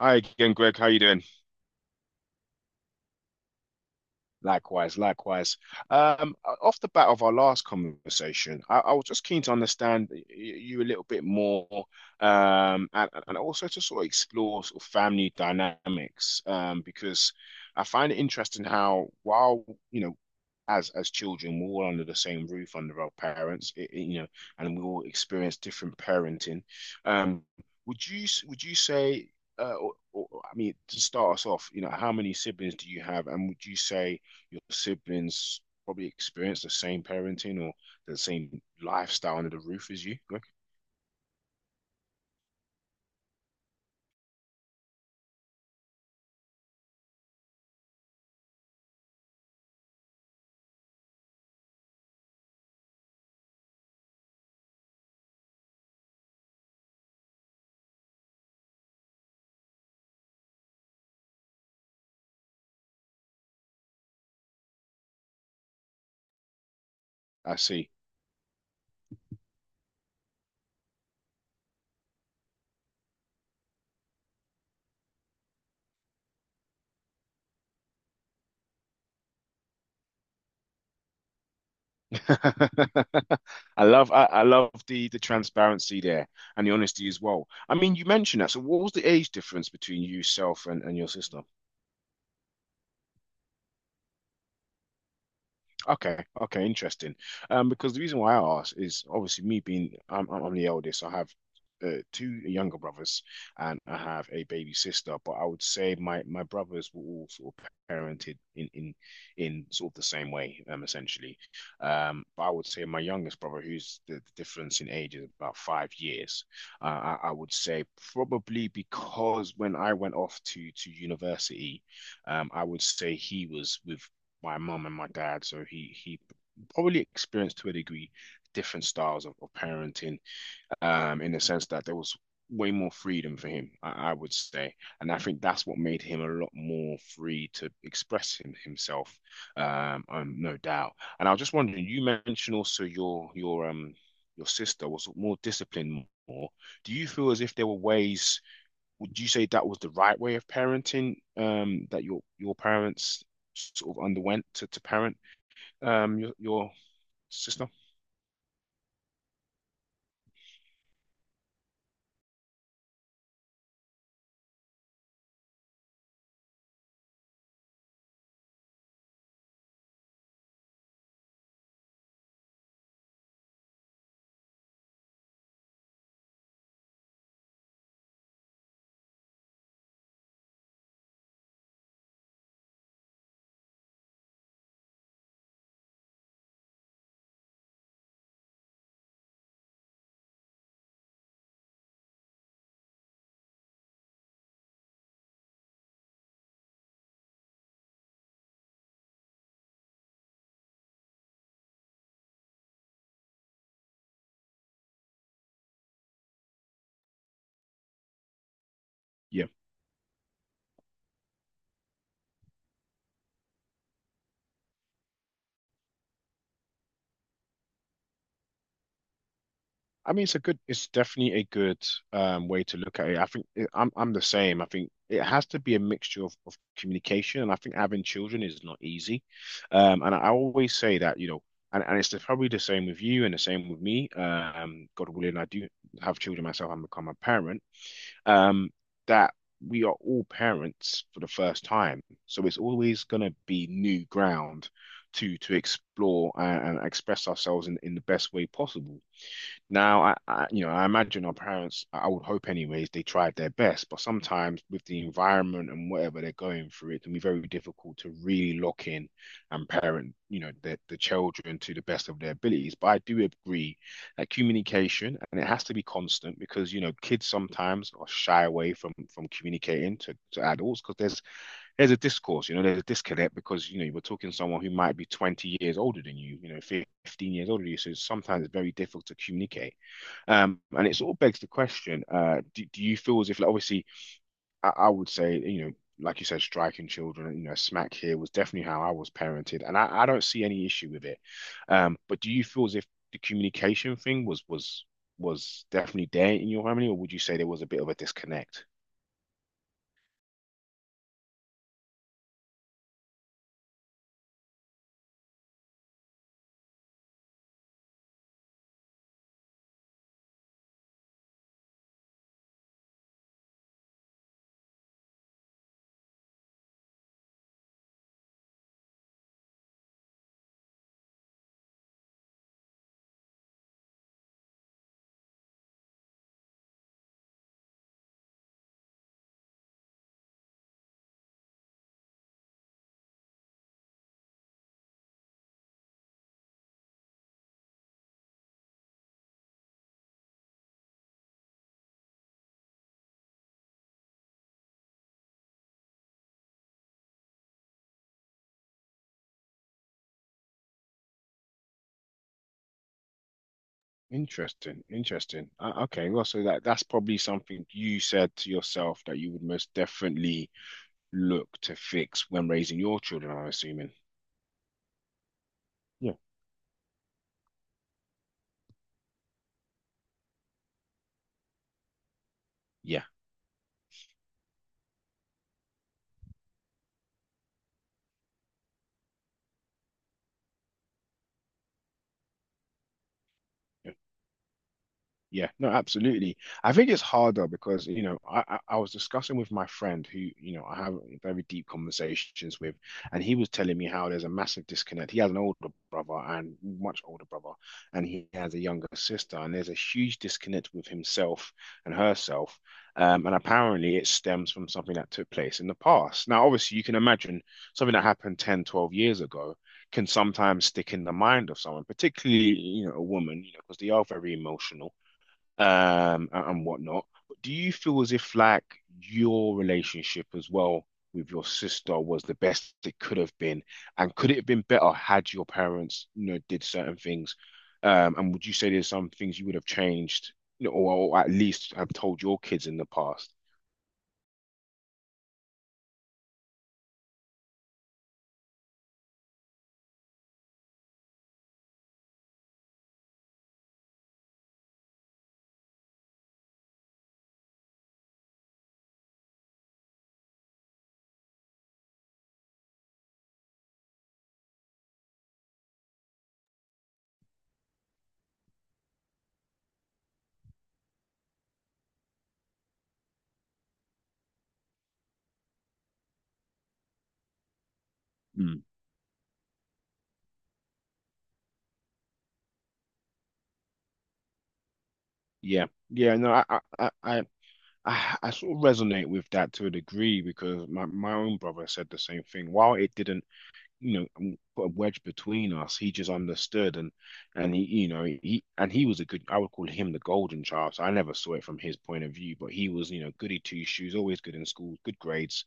Hi again, Greg. How you doing? Likewise, likewise. Um, Off the bat of our last conversation, I was just keen to understand you a little bit more, and also to sort of explore sort of family dynamics, because I find it interesting how while you know, as children, we're all under the same roof under our parents, and we all experience different parenting. Um, would you say? I mean, to start us off, you know, how many siblings do you have, and would you say your siblings probably experience the same parenting or the same lifestyle under the roof as you? I see. I love the transparency there and the honesty as well. I mean, you mentioned that. So what was the age difference between yourself and your sister? Okay, okay, interesting. Because the reason why I ask is obviously me being I'm the eldest. I have two younger brothers, and I have a baby sister. But I would say my brothers were all sort of parented in in sort of the same way, essentially. But I would say my youngest brother, the difference in age is about 5 years. Uh, I would say probably because when I went off to university, I would say he was with my mum and my dad, so he probably experienced, to a degree, different styles of parenting, in the sense that there was way more freedom for him, I would say, and I think that's what made him a lot more free to express himself, no doubt. And I was just wondering, you mentioned also your sister was more. Do you feel as if there were ways, would you say that was the right way of parenting, that your parents sort of underwent to parent, your sister? Yeah. I mean, it's a good, it's definitely a good, way to look at it. I think it, I'm the same. I think it has to be a mixture of communication, and I think having children is not easy. And I always say that, and it's the, probably the same with you and the same with me. God willing, I do have children myself and become a parent, um, that we are all parents for the first time. So it's always going to be new ground to explore and express ourselves in the best way possible. Now, I, you know, I imagine our parents, I would hope anyways, they tried their best, but sometimes with the environment and whatever they're going through, it can be very difficult to really lock in and parent, you know, the children to the best of their abilities. But I do agree that communication, and it has to be constant because, you know, kids sometimes are shy away from communicating to adults because there's a discourse, you know, there's a disconnect because, you know, you're talking to someone who might be 20 years older than you, you know, 15 years older than you. So sometimes it's very difficult to communicate. And it sort of begs the question, do you feel as if, like, obviously, I would say, you know, like you said, striking children, you know, smack here was definitely how I was parented, and I don't see any issue with it. But do you feel as if the communication thing was definitely there in your family, or would you say there was a bit of a disconnect? Interesting, interesting. Okay, well, so that that's probably something you said to yourself that you would most definitely look to fix when raising your children, I'm assuming. Yeah. Yeah. Yeah, no, absolutely. I think it's harder because, you know, I was discussing with my friend who, you know, I have very deep conversations with, and he was telling me how there's a massive disconnect. He has an older brother, and much older brother, and he has a younger sister, and there's a huge disconnect with himself and herself. And apparently it stems from something that took place in the past. Now, obviously, you can imagine something that happened 10, 12 years ago can sometimes stick in the mind of someone, particularly, you know, a woman, you know, because they are very emotional, and whatnot. But do you feel as if, like, your relationship as well with your sister was the best it could have been, and could it have been better had your parents, you know, did certain things? And would you say there's some things you would have changed, you know, or at least have told your kids in the past? Mm. Yeah, no, I sort of resonate with that to a degree because my own brother said the same thing. While it didn't, you know, put a wedge between us. He just understood, and he you know he and he was a good— I would call him the golden child. So I never saw it from his point of view, but he was, you know, goody two shoes, always good in school, good grades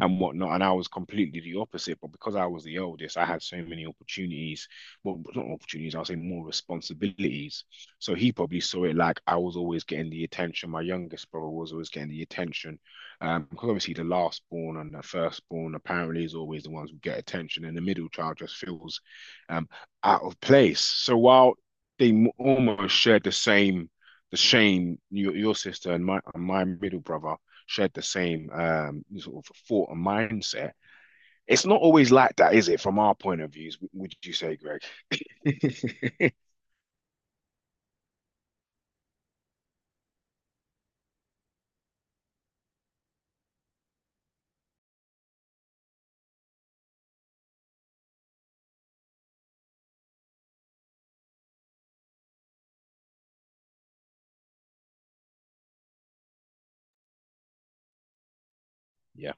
and whatnot. And I was completely the opposite, but because I was the oldest, I had so many opportunities. Well, not opportunities, I'll say more responsibilities. So he probably saw it like I was always getting the attention. My youngest brother was always getting the attention. Because obviously the last born and the first born apparently is always the ones who get attention, and the middle child just feels, um, out of place. So while they almost shared the same, the shame, your sister and my middle brother shared the same, sort of thought and mindset. It's not always like that, is it? From our point of views, would you say, Greg? Yeah,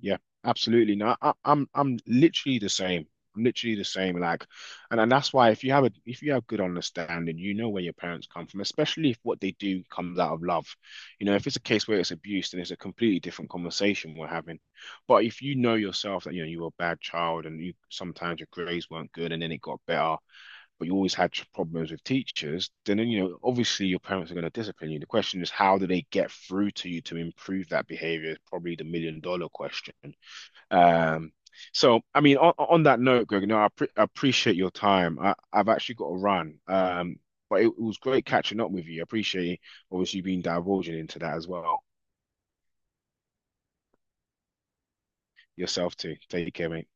yeah, absolutely. No, I'm literally the same. I'm literally the same. Like, and that's why if you have a— if you have good understanding, you know where your parents come from, especially if what they do comes out of love. You know, if it's a case where it's abuse, then it's a completely different conversation we're having. But if you know yourself that you know you were a bad child and you sometimes your grades weren't good and then it got better, but you always had problems with teachers, then, you know, obviously your parents are going to discipline you. The question is, how do they get through to you to improve that behavior is probably the million-dollar question. Um, so I mean, on that note, Greg, no, I, pre I appreciate your time. I've actually got to run, but it was great catching up with you. I appreciate obviously you being divulging into that as well. Yourself too. Take care, mate.